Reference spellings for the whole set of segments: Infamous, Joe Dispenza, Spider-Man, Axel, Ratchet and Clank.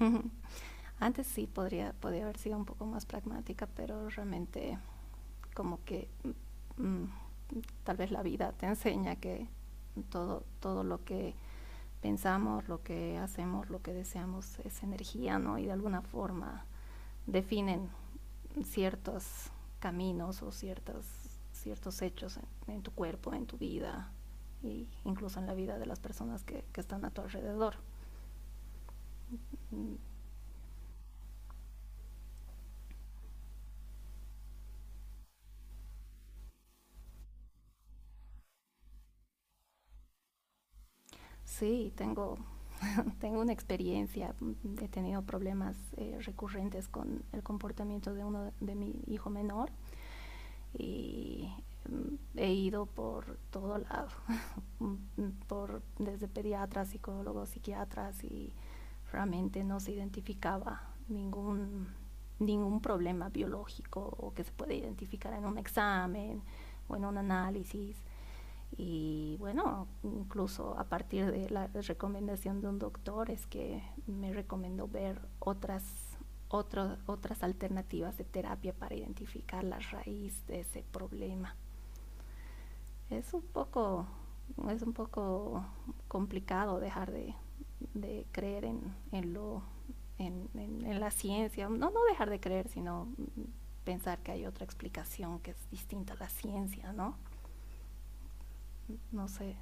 Ujú. Antes sí podría haber sido un poco más pragmática, pero realmente como que mm, mm, tal vez la vida te enseña que todo lo que pensamos, lo que hacemos, lo que deseamos es energía, ¿no? Y de alguna forma definen ciertos caminos o ciertas ciertos hechos en tu cuerpo, en tu vida, e incluso en la vida de las personas que están a tu alrededor. Mm, Sí, tengo, tengo una experiencia. He tenido problemas recurrentes con el comportamiento de mi hijo menor. Y he ido por todo lado, desde pediatras, psicólogos, psiquiatras, y realmente no se identificaba ningún, ningún problema biológico o que se puede identificar en un examen o en un análisis. Y bueno, incluso a partir de la recomendación de un doctor es que me recomendó ver otras alternativas de terapia para identificar la raíz de ese problema. Es un poco, es un poco complicado dejar de creer en lo en, la ciencia. No, no dejar de creer, sino pensar que hay otra explicación que es distinta a la ciencia, ¿no? No sé.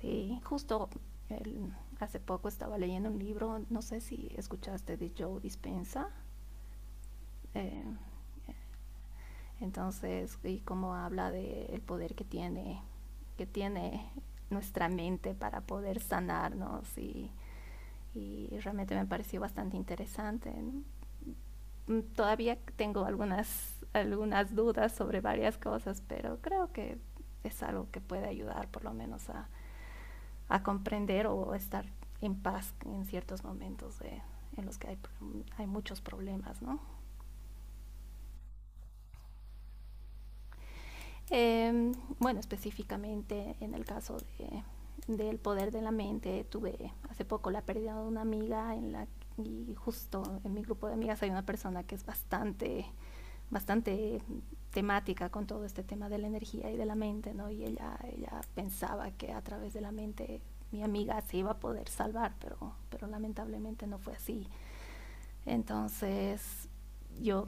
Sí, justo el- hace poco estaba leyendo un libro, no sé si escuchaste de Joe Dispenza. eh, y cómo habla del poder que tiene nuestra mente para poder sanarnos, y realmente me pareció bastante interesante, ¿no? Todavía tengo algunas dudas sobre varias cosas, pero creo que es algo que puede ayudar por lo menos a comprender o estar en paz en ciertos momentos, de, en los que hay muchos problemas, ¿no? Eh, bueno, específicamente en el caso del poder de la mente, tuve hace poco la pérdida de una amiga en la... Y justo en mi grupo de amigas hay una persona que es bastante, bastante temática con todo este tema de la energía y de la mente, ¿no? Y ella pensaba que a través de la mente mi amiga se iba a poder salvar, pero lamentablemente no fue así. Entonces, yo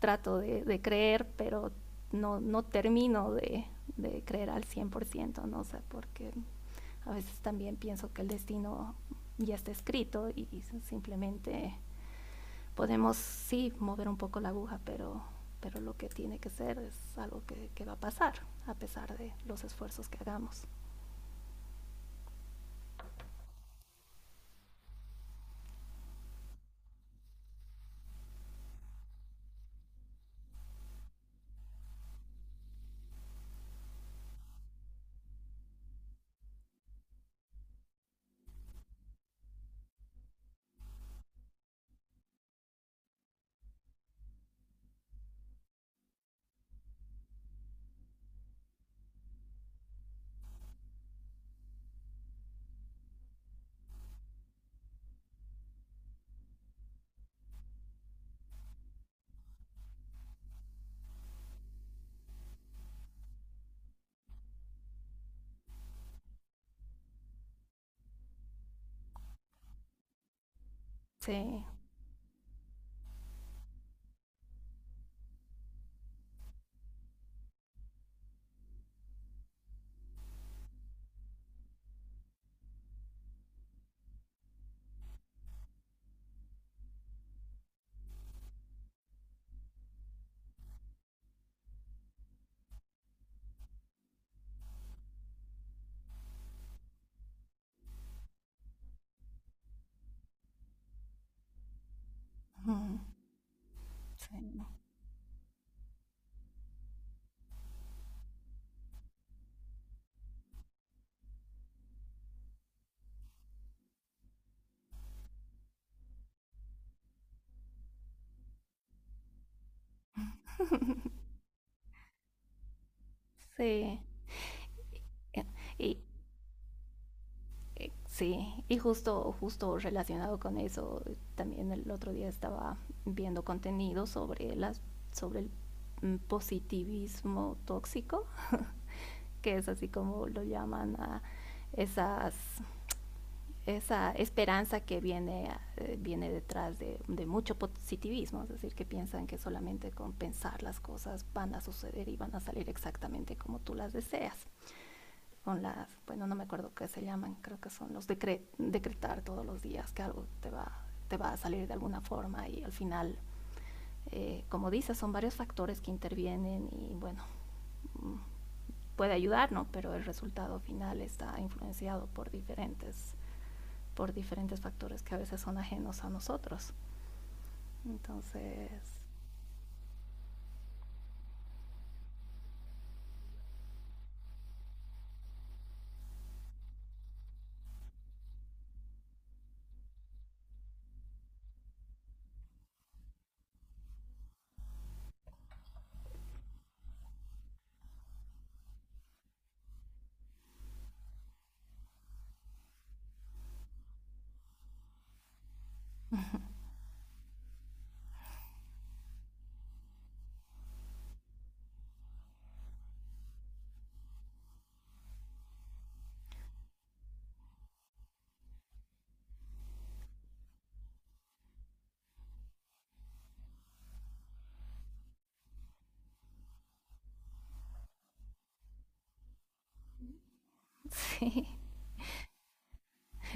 trato de creer, pero no, no termino creer al 100%, ¿no? O sea, porque a veces también pienso que el destino ya está escrito, y simplemente podemos, sí, mover un poco la aguja, pero lo que tiene que ser es algo que va a pasar, a pesar de los esfuerzos que hagamos. Sí. Sí. Sí. Y, Sí, y justo relacionado con eso, también el otro día estaba viendo contenido sobre las, sobre el mm, positivismo tóxico, que es así como lo llaman a esas, esa esperanza que viene detrás de mucho positivismo, es decir, que piensan que solamente con pensar las cosas van a suceder y van a salir exactamente como tú las deseas. Con las... bueno, no me acuerdo qué se llaman, creo que son los decretar todos los días que algo te va a salir de alguna forma. Y al final, como dices, son varios factores que intervienen y bueno, puede ayudarnos, pero el resultado final está influenciado por diferentes factores que a veces son ajenos a nosotros. Entonces, sí.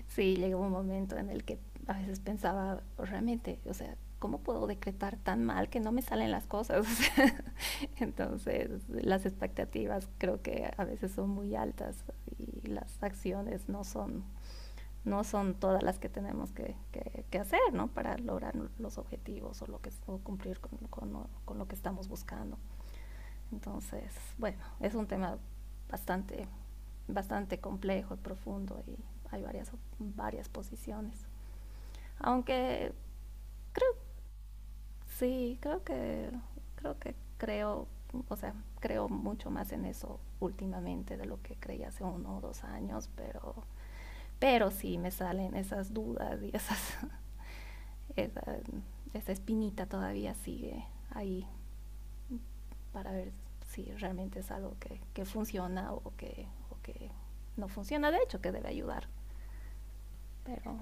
Sí, llegó un momento en el que a veces pensaba, realmente, o sea, ¿cómo puedo decretar tan mal que no me salen las cosas? O sea, entonces, las expectativas creo que a veces son muy altas y las acciones no son, no son todas las que, tenemos que hacer, ¿no? Para lograr los objetivos, o lo que... o cumplir con lo que estamos buscando. Entonces, bueno, es un tema bastante, bastante complejo y profundo, y hay varias posiciones. Aunque creo, sí, creo, o sea, creo mucho más en eso últimamente de lo que creía hace 1 o 2 años, pero sí me salen esas dudas y esas... esa, esa espinita todavía sigue ahí, para ver si realmente es algo que funciona, o que... o que no funciona, de hecho, que debe ayudar. Pero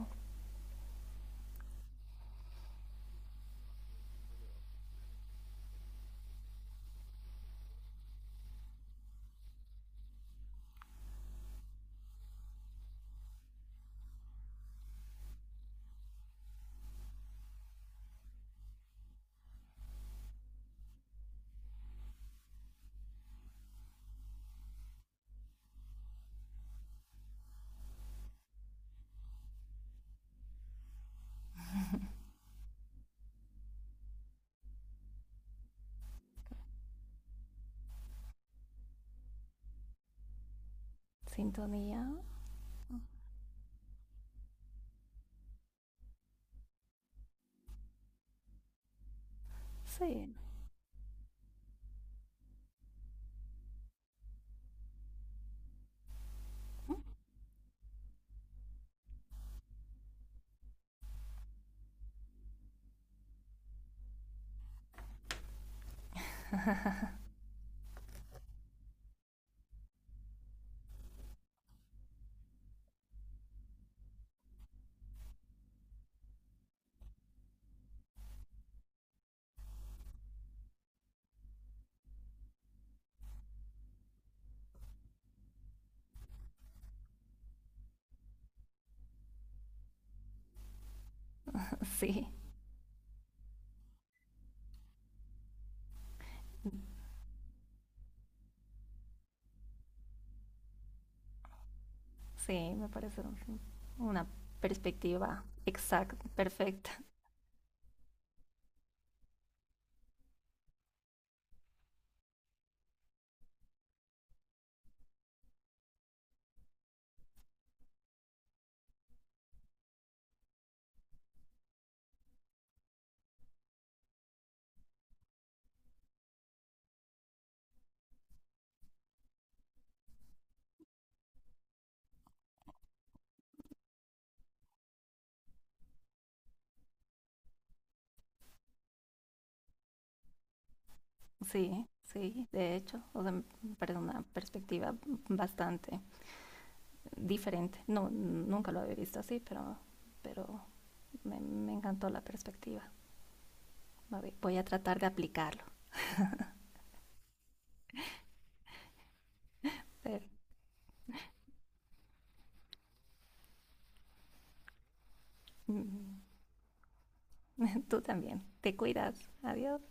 sintonía, sí, sí, sí, me parece una perspectiva exacta, perfecta. Sí, sí, de hecho, o sea, me parece una perspectiva bastante diferente. No, nunca lo había visto así, pero me encantó la perspectiva. Voy a tratar de aplicarlo. Pero mm, tú también. Te cuidas. Adiós.